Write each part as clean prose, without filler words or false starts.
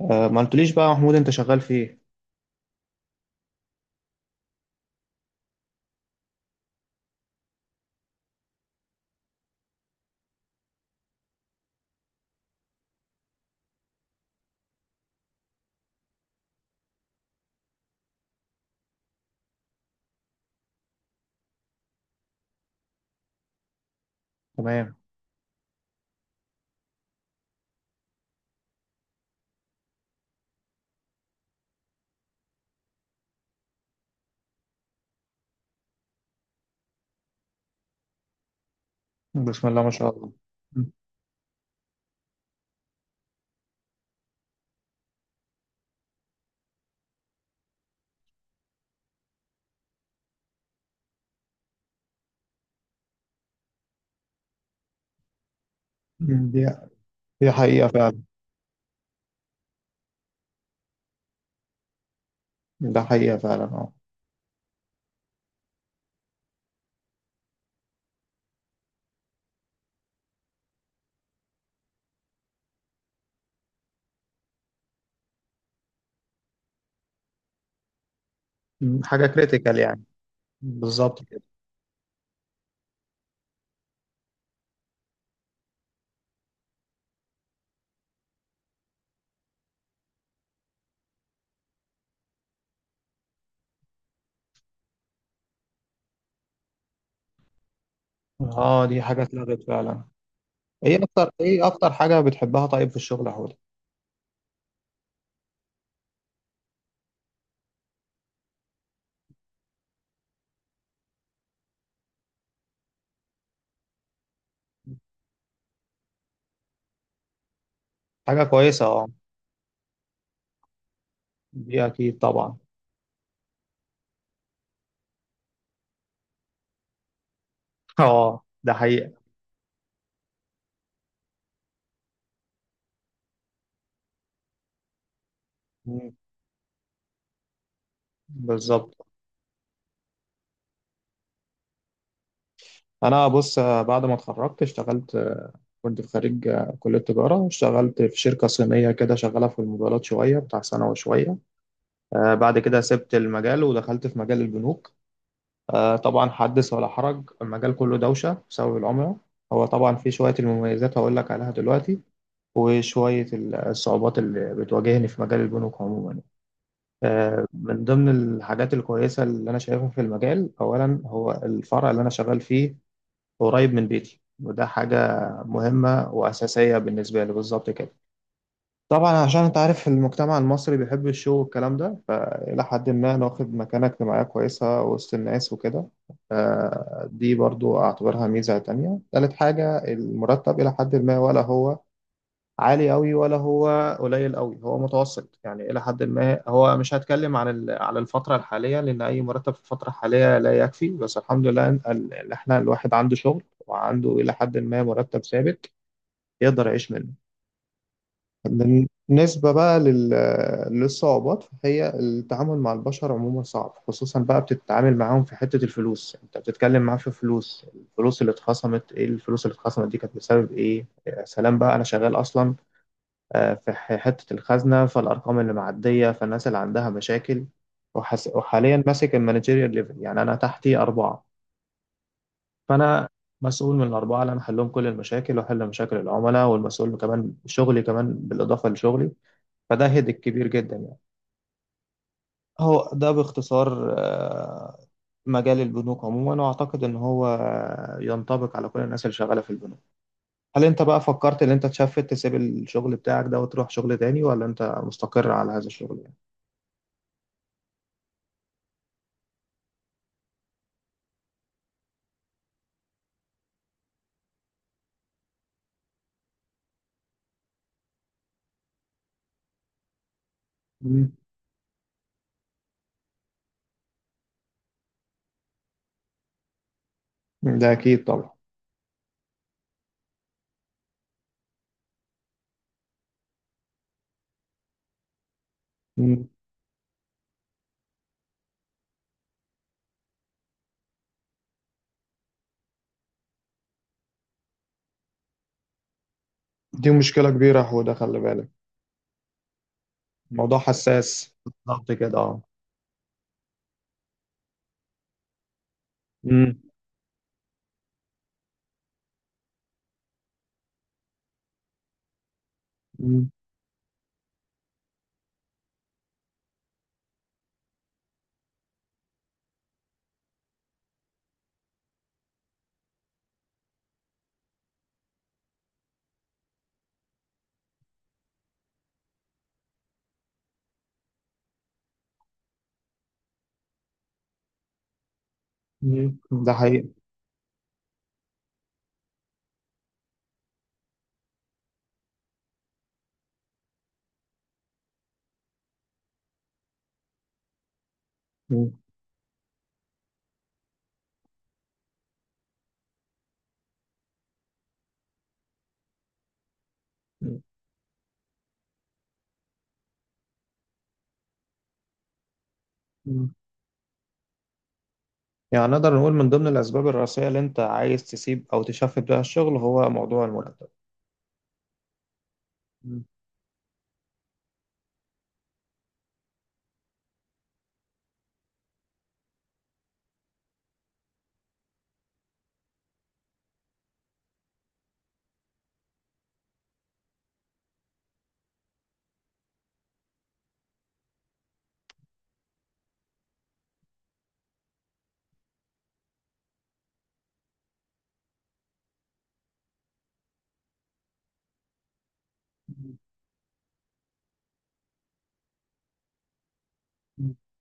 ما قلتليش بقى يا محمود، انت شغال في ايه؟ تمام. بسم الله ما شاء الله. مم. دي دي حقيقة فعلا. ده حقيقة فعلا، اه. حاجة كريتيكال يعني. بالظبط كده، اه. دي حاجة اتلغت فعلا. ايه اكتر حاجة بتحبها طيب في الشغل يا حوده؟ حاجة كويسة، اه. دي اكيد طبعا. اه، ده حقيقة. مم. بالظبط. انا بص، بعد ما اتخرجت اشتغلت، كنت في خريج كلية تجارة. اشتغلت في شركة صينية كده شغالة في الموبايلات شوية بتاع سنة وشوية. بعد كده سبت المجال ودخلت في مجال البنوك. طبعا حدث ولا حرج، المجال كله دوشة بسبب العملة. هو طبعا في شوية المميزات هقول لك عليها دلوقتي، وشوية الصعوبات اللي بتواجهني في مجال البنوك عموما. من ضمن الحاجات الكويسة اللي أنا شايفها في المجال، أولا هو الفرع اللي أنا شغال فيه قريب من بيتي، وده حاجة مهمة وأساسية بالنسبة لي، بالظبط كده. طبعا عشان انت عارف المجتمع المصري بيحب الشو والكلام ده، فإلى حد ما ناخد مكانة اجتماعية كويسة وسط الناس وكده. دي برضو أعتبرها ميزة تانية. تالت حاجة المرتب، إلى حد ما ولا هو عالي أوي ولا هو قليل أوي، هو متوسط يعني إلى حد ما. هو مش هتكلم عن على الفترة الحالية، لأن أي مرتب في الفترة الحالية لا يكفي، بس الحمد لله إن إحنا الواحد عنده شغل وعنده إلى حد ما مرتب ثابت يقدر يعيش منه. بالنسبة بقى للصعوبات، فهي التعامل مع البشر عموما صعب، خصوصا بقى بتتعامل معاهم في حتة الفلوس. انت بتتكلم معاه في فلوس، الفلوس اللي اتخصمت ايه، الفلوس اللي اتخصمت دي كانت بسبب ايه. يا سلام بقى، انا شغال اصلا في حتة الخزنة، فالارقام اللي معدية، فالناس اللي عندها مشاكل. وحاليا ماسك المانجيريال ليفل، يعني انا تحتي اربعة، فانا مسؤول من الأربعة اللي أنا أحلهم كل المشاكل وأحل مشاكل العملاء، والمسؤول كمان شغلي، كمان بالإضافة لشغلي، فده هيدك كبير جدا يعني. هو ده باختصار مجال البنوك عموما، واعتقد ان هو ينطبق على كل الناس اللي شغاله في البنوك. هل انت بقى فكرت ان انت تشفت تسيب الشغل بتاعك ده وتروح شغل تاني، ولا انت مستقر على هذا الشغل يعني؟ مم. ده اكيد طبعا. مم. دي مشكله كبيره يا حوده، خلي بالك، موضوع حساس. بالظبط كده، اه. مم. مم. مم. ده حقيقي. مم. مم. يعني نقدر نقول من ضمن الأسباب الرئيسية اللي أنت عايز تسيب أو تشفت بيها الشغل هو موضوع المرتب. مم. مم.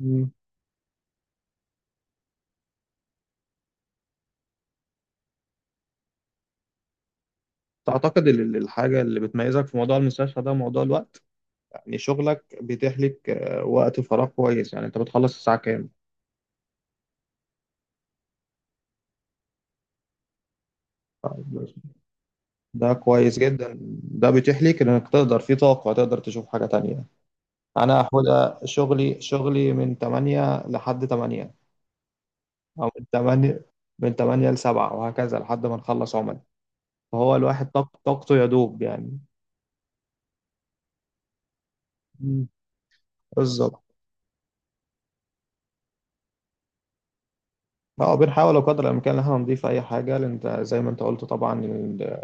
مم. تعتقد الحاجة اللي بتميزك في موضوع المستشفى ده موضوع الوقت، يعني شغلك بيتيح لك وقت فراغ كويس. يعني أنت بتخلص الساعة كام؟ ده كويس جدا. ده بيتيح لك إنك تقدر في طاقة تقدر تشوف حاجة تانية. أنا، حودة، شغلي من 8 لحد 8، أو من 8، من 8 ل 7 وهكذا لحد ما نخلص عمل. فهو الواحد طاقته يدوب يعني. مم. بالظبط. اه، بنحاول قدر الامكان ان احنا نضيف اي حاجه، لان إنت زي ما انت قلت طبعا،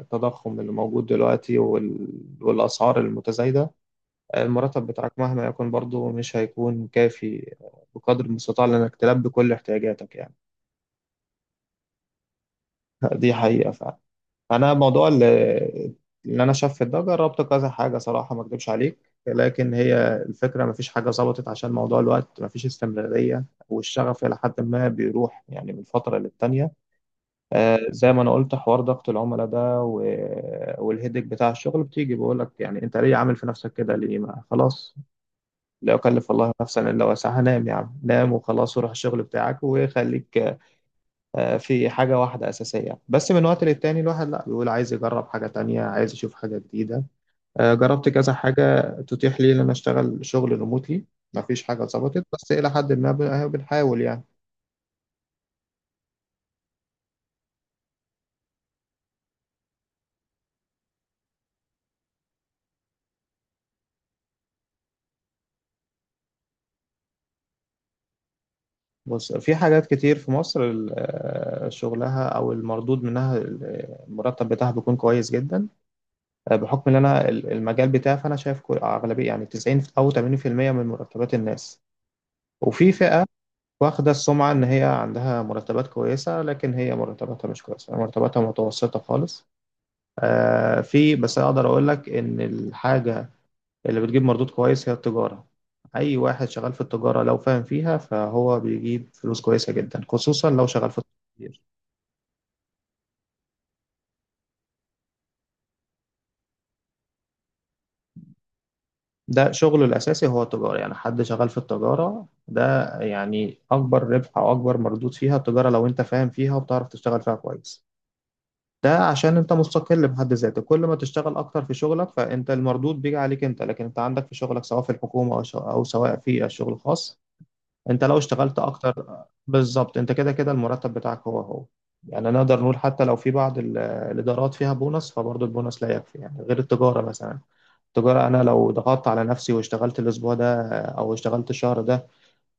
التضخم اللي موجود دلوقتي والاسعار المتزايده، المرتب بتاعك مهما يكن برضه مش هيكون كافي بقدر المستطاع لانك تلبي كل احتياجاتك يعني. دي حقيقه فعلا. انا موضوع اللي انا شاف في ده، جربت كذا حاجه، صراحه ما اكدبش عليك، لكن هي الفكره ما فيش حاجه ظبطت عشان موضوع الوقت، ما فيش استمراريه، والشغف الى حد ما بيروح يعني من فتره للتانيه. آه، زي ما انا قلت، حوار ضغط العملاء ده والهيدك بتاع الشغل، بتيجي بقول لك يعني انت ليه عامل في نفسك كده، ليه، ما خلاص، لا يكلف الله نفسا الا وسعها، نام يا عم نام وخلاص، وروح الشغل بتاعك وخليك. في حاجة واحدة أساسية، بس من وقت للتاني الواحد لا بيقول عايز يجرب حاجة تانية، عايز يشوف حاجة جديدة. جربت كذا حاجة تتيح لي إن أنا أشتغل شغل ريموتلي. مفيش حاجة ظبطت، بس إلى حد ما أهو بنحاول يعني. بص، في حاجات كتير في مصر، شغلها أو المردود منها، المرتب بتاعها بيكون كويس جدا. بحكم إن أنا المجال بتاعي، فأنا شايف أغلبية يعني 90 أو 80% من مرتبات الناس، وفي فئة واخدة السمعة إن هي عندها مرتبات كويسة، لكن هي مرتباتها مش كويسة، مرتباتها متوسطة خالص. آه، في بس أقدر أقول لك إن الحاجة اللي بتجيب مردود كويس هي التجارة. أي واحد شغال في التجارة لو فاهم فيها فهو بيجيب فلوس كويسة جدا، خصوصا لو شغال في التجارة. ده شغله الأساسي هو التجارة، يعني حد شغال في التجارة ده، يعني أكبر ربح أو أكبر مردود فيها التجارة لو أنت فاهم فيها وبتعرف تشتغل فيها كويس. ده عشان انت مستقل بحد ذاته، كل ما تشتغل اكتر في شغلك فانت المردود بيجي عليك انت. لكن انت عندك في شغلك، سواء في الحكومة او او سواء في شغل خاص، انت لو اشتغلت اكتر بالظبط، انت كده كده المرتب بتاعك هو هو. يعني نقدر نقول حتى لو في بعض الادارات فيها بونص، فبرضه البونص لا يكفي يعني غير التجارة مثلا. التجارة انا لو ضغطت على نفسي واشتغلت الاسبوع ده او اشتغلت الشهر ده،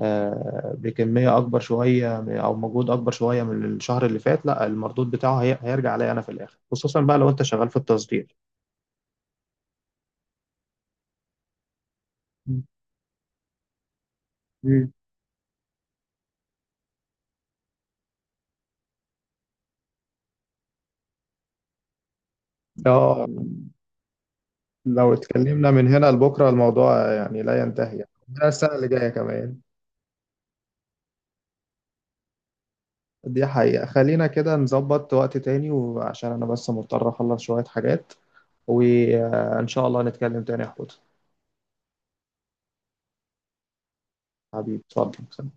بكمية أكبر شوية أو مجهود أكبر شوية من الشهر اللي فات، لا المردود بتاعه هيرجع عليا أنا في الآخر، خصوصا بقى لو أنت شغال في التصدير. مم. اه، لو اتكلمنا من هنا لبكره الموضوع يعني لا ينتهي، يعني ده السنه اللي جايه كمان. دي حقيقه، خلينا كده نظبط وقت تاني، وعشان انا بس مضطر اخلص شويه حاجات، وان شاء الله نتكلم تاني يا حوت. حبيبي اتفضل.